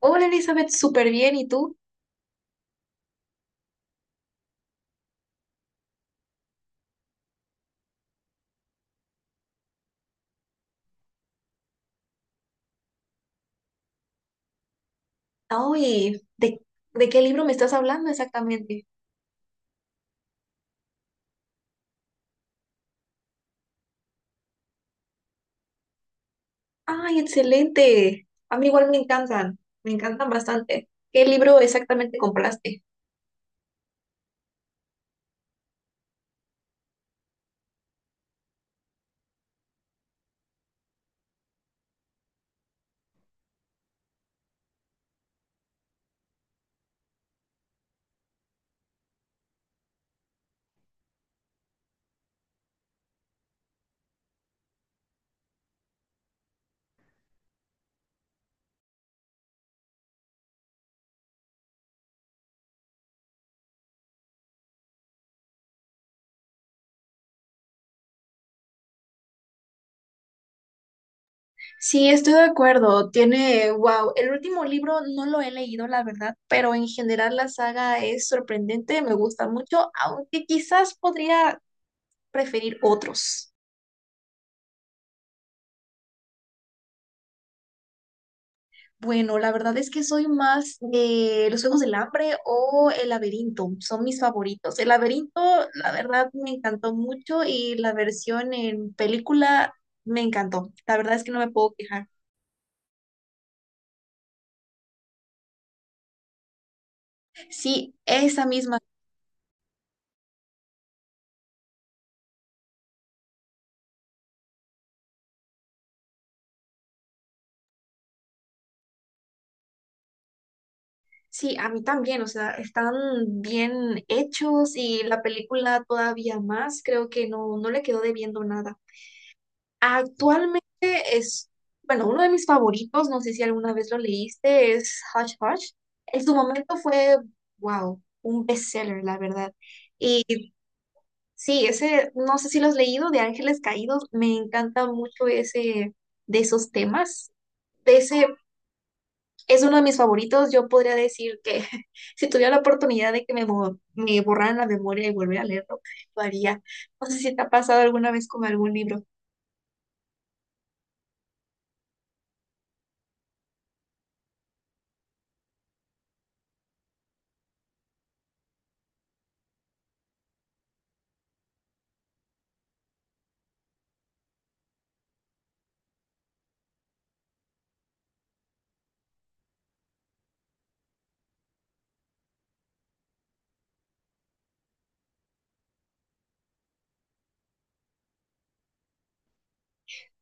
Hola Elizabeth, súper bien. ¿Y tú? Ay, ¿de qué libro me estás hablando exactamente? Ay, excelente. A mí igual me encantan bastante. ¿Qué libro exactamente compraste? Sí, estoy de acuerdo. Tiene, wow, el último libro no lo he leído, la verdad, pero en general la saga es sorprendente, me gusta mucho, aunque quizás podría preferir otros. Bueno, la verdad es que soy más de los Juegos del Hambre o el Laberinto, son mis favoritos. El Laberinto, la verdad, me encantó mucho y la versión en película me encantó. La verdad es que no me puedo quejar. Sí, esa misma. Sí, a mí también, o sea, están bien hechos y la película todavía más, creo que no, no le quedó debiendo nada. Actualmente es, bueno, uno de mis favoritos, no sé si alguna vez lo leíste, es Hush Hush. En su momento fue, wow, un bestseller, la verdad. Y sí, ese, no sé si lo has leído, de Ángeles Caídos, me encanta mucho ese, de esos temas. De ese, es uno de mis favoritos, yo podría decir que si tuviera la oportunidad de que me borraran la memoria y volver a leerlo, lo haría. No sé si te ha pasado alguna vez con algún libro.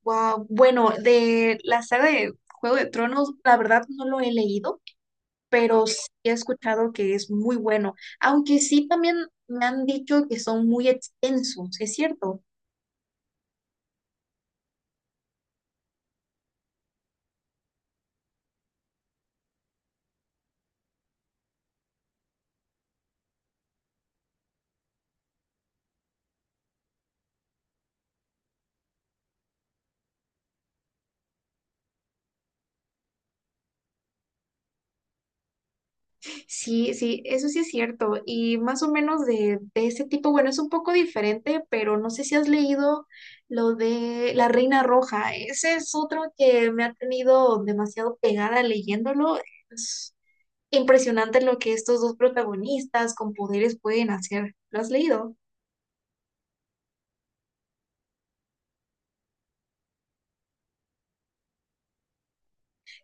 Wow, bueno, de la saga de Juego de Tronos, la verdad no lo he leído, pero sí he escuchado que es muy bueno, aunque sí también me han dicho que son muy extensos, ¿es cierto? Sí, sí, eso sí es cierto. Y más o menos de, ese tipo, bueno, es un poco diferente, pero no sé si has leído lo de La Reina Roja. Ese es otro que me ha tenido demasiado pegada leyéndolo. Impresionante lo que estos dos protagonistas con poderes pueden hacer. ¿Lo has leído?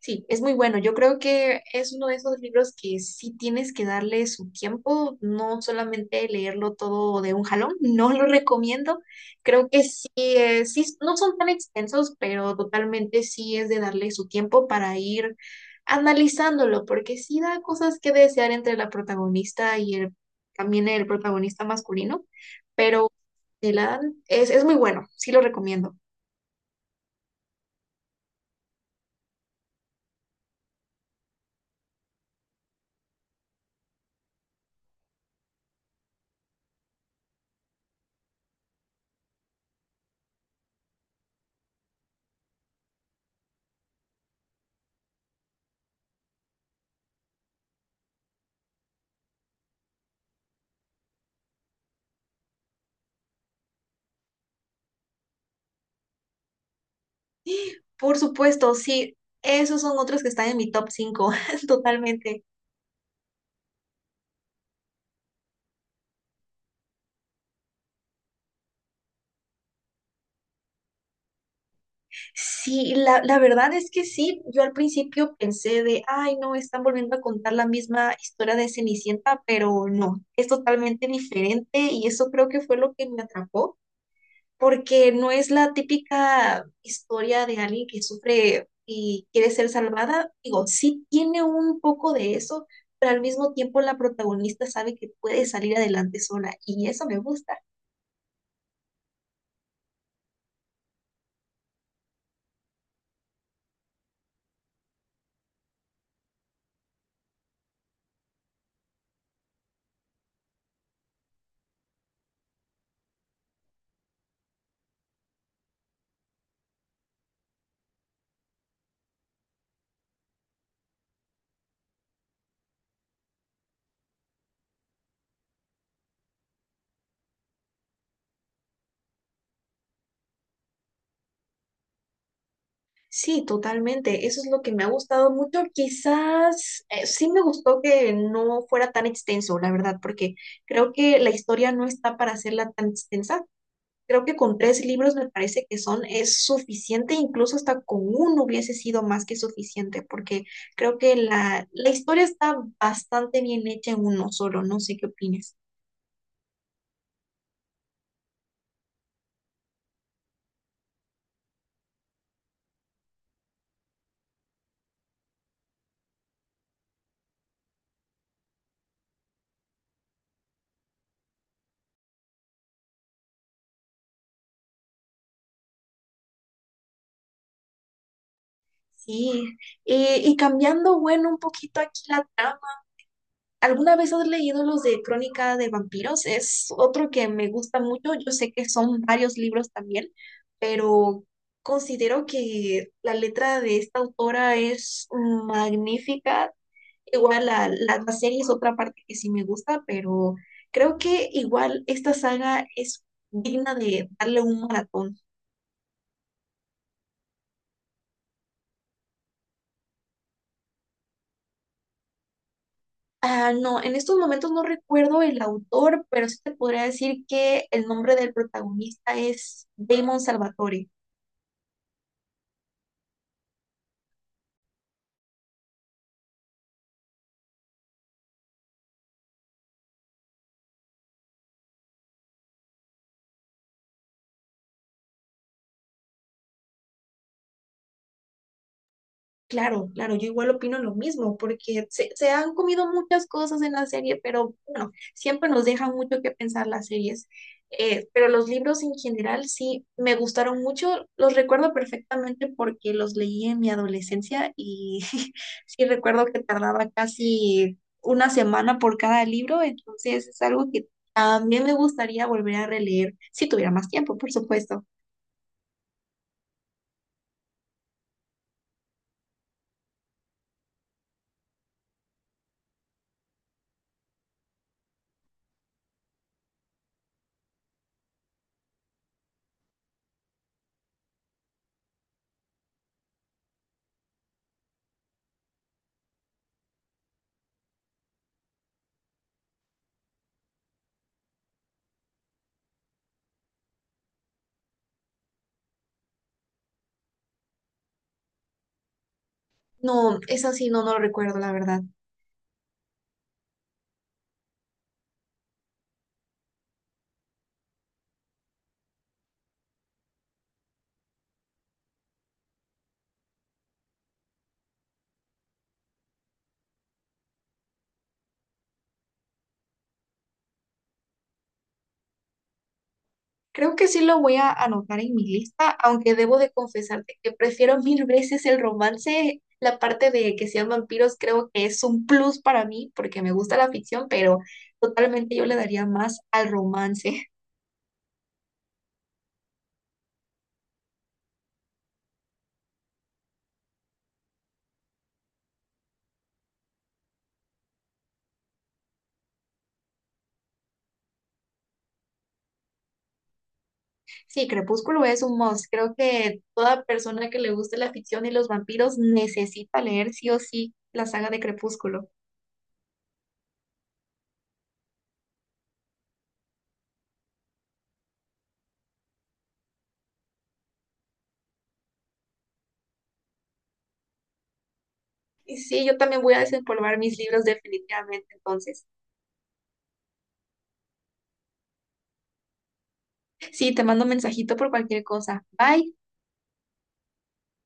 Sí, es muy bueno. Yo creo que es uno de esos libros que sí tienes que darle su tiempo, no solamente leerlo todo de un jalón, no lo recomiendo. Creo que sí, sí, no son tan extensos, pero totalmente sí es de darle su tiempo para ir analizándolo, porque sí da cosas que desear entre la protagonista y el, también el protagonista masculino, pero es muy bueno, sí lo recomiendo. Por supuesto, sí, esos son otros que están en mi top 5, totalmente. Sí, la verdad es que sí, yo al principio pensé de, ay, no, están volviendo a contar la misma historia de Cenicienta, pero no, es totalmente diferente y eso creo que fue lo que me atrapó, porque no es la típica historia de alguien que sufre y quiere ser salvada. Digo, sí tiene un poco de eso, pero al mismo tiempo la protagonista sabe que puede salir adelante sola y eso me gusta. Sí, totalmente. Eso es lo que me ha gustado mucho. Quizás sí me gustó que no fuera tan extenso, la verdad, porque creo que la historia no está para hacerla tan extensa. Creo que con 3 libros me parece que son es suficiente, incluso hasta con uno hubiese sido más que suficiente, porque creo que la historia está bastante bien hecha en uno solo. No sé qué opinas. Sí, y cambiando, bueno, un poquito aquí la trama. ¿Alguna vez has leído los de Crónica de Vampiros? Es otro que me gusta mucho. Yo sé que son varios libros también, pero considero que la letra de esta autora es magnífica. Igual la, la serie es otra parte que sí me gusta, pero creo que igual esta saga es digna de darle un maratón. Ah, no, en estos momentos no recuerdo el autor, pero sí te podría decir que el nombre del protagonista es Damon Salvatore. Claro, claro, yo igual opino lo mismo, porque se han comido muchas cosas en la serie, pero bueno, siempre nos dejan mucho que pensar las series. Pero los libros en general sí me gustaron mucho, los recuerdo perfectamente porque los leí en mi adolescencia y sí recuerdo que tardaba casi una semana por cada libro, entonces es algo que también me gustaría volver a releer, si tuviera más tiempo, por supuesto. No, es así, no, no lo recuerdo, la verdad. Creo que sí lo voy a anotar en mi lista, aunque debo de confesarte que prefiero mil veces el romance. La parte de que sean vampiros creo que es un plus para mí porque me gusta la ficción, pero totalmente yo le daría más al romance. Sí, Crepúsculo es un must. Creo que toda persona que le guste la ficción y los vampiros necesita leer sí o sí la saga de Crepúsculo. Y sí, yo también voy a desempolvar mis libros definitivamente entonces. Sí, te mando un mensajito por cualquier cosa. Bye.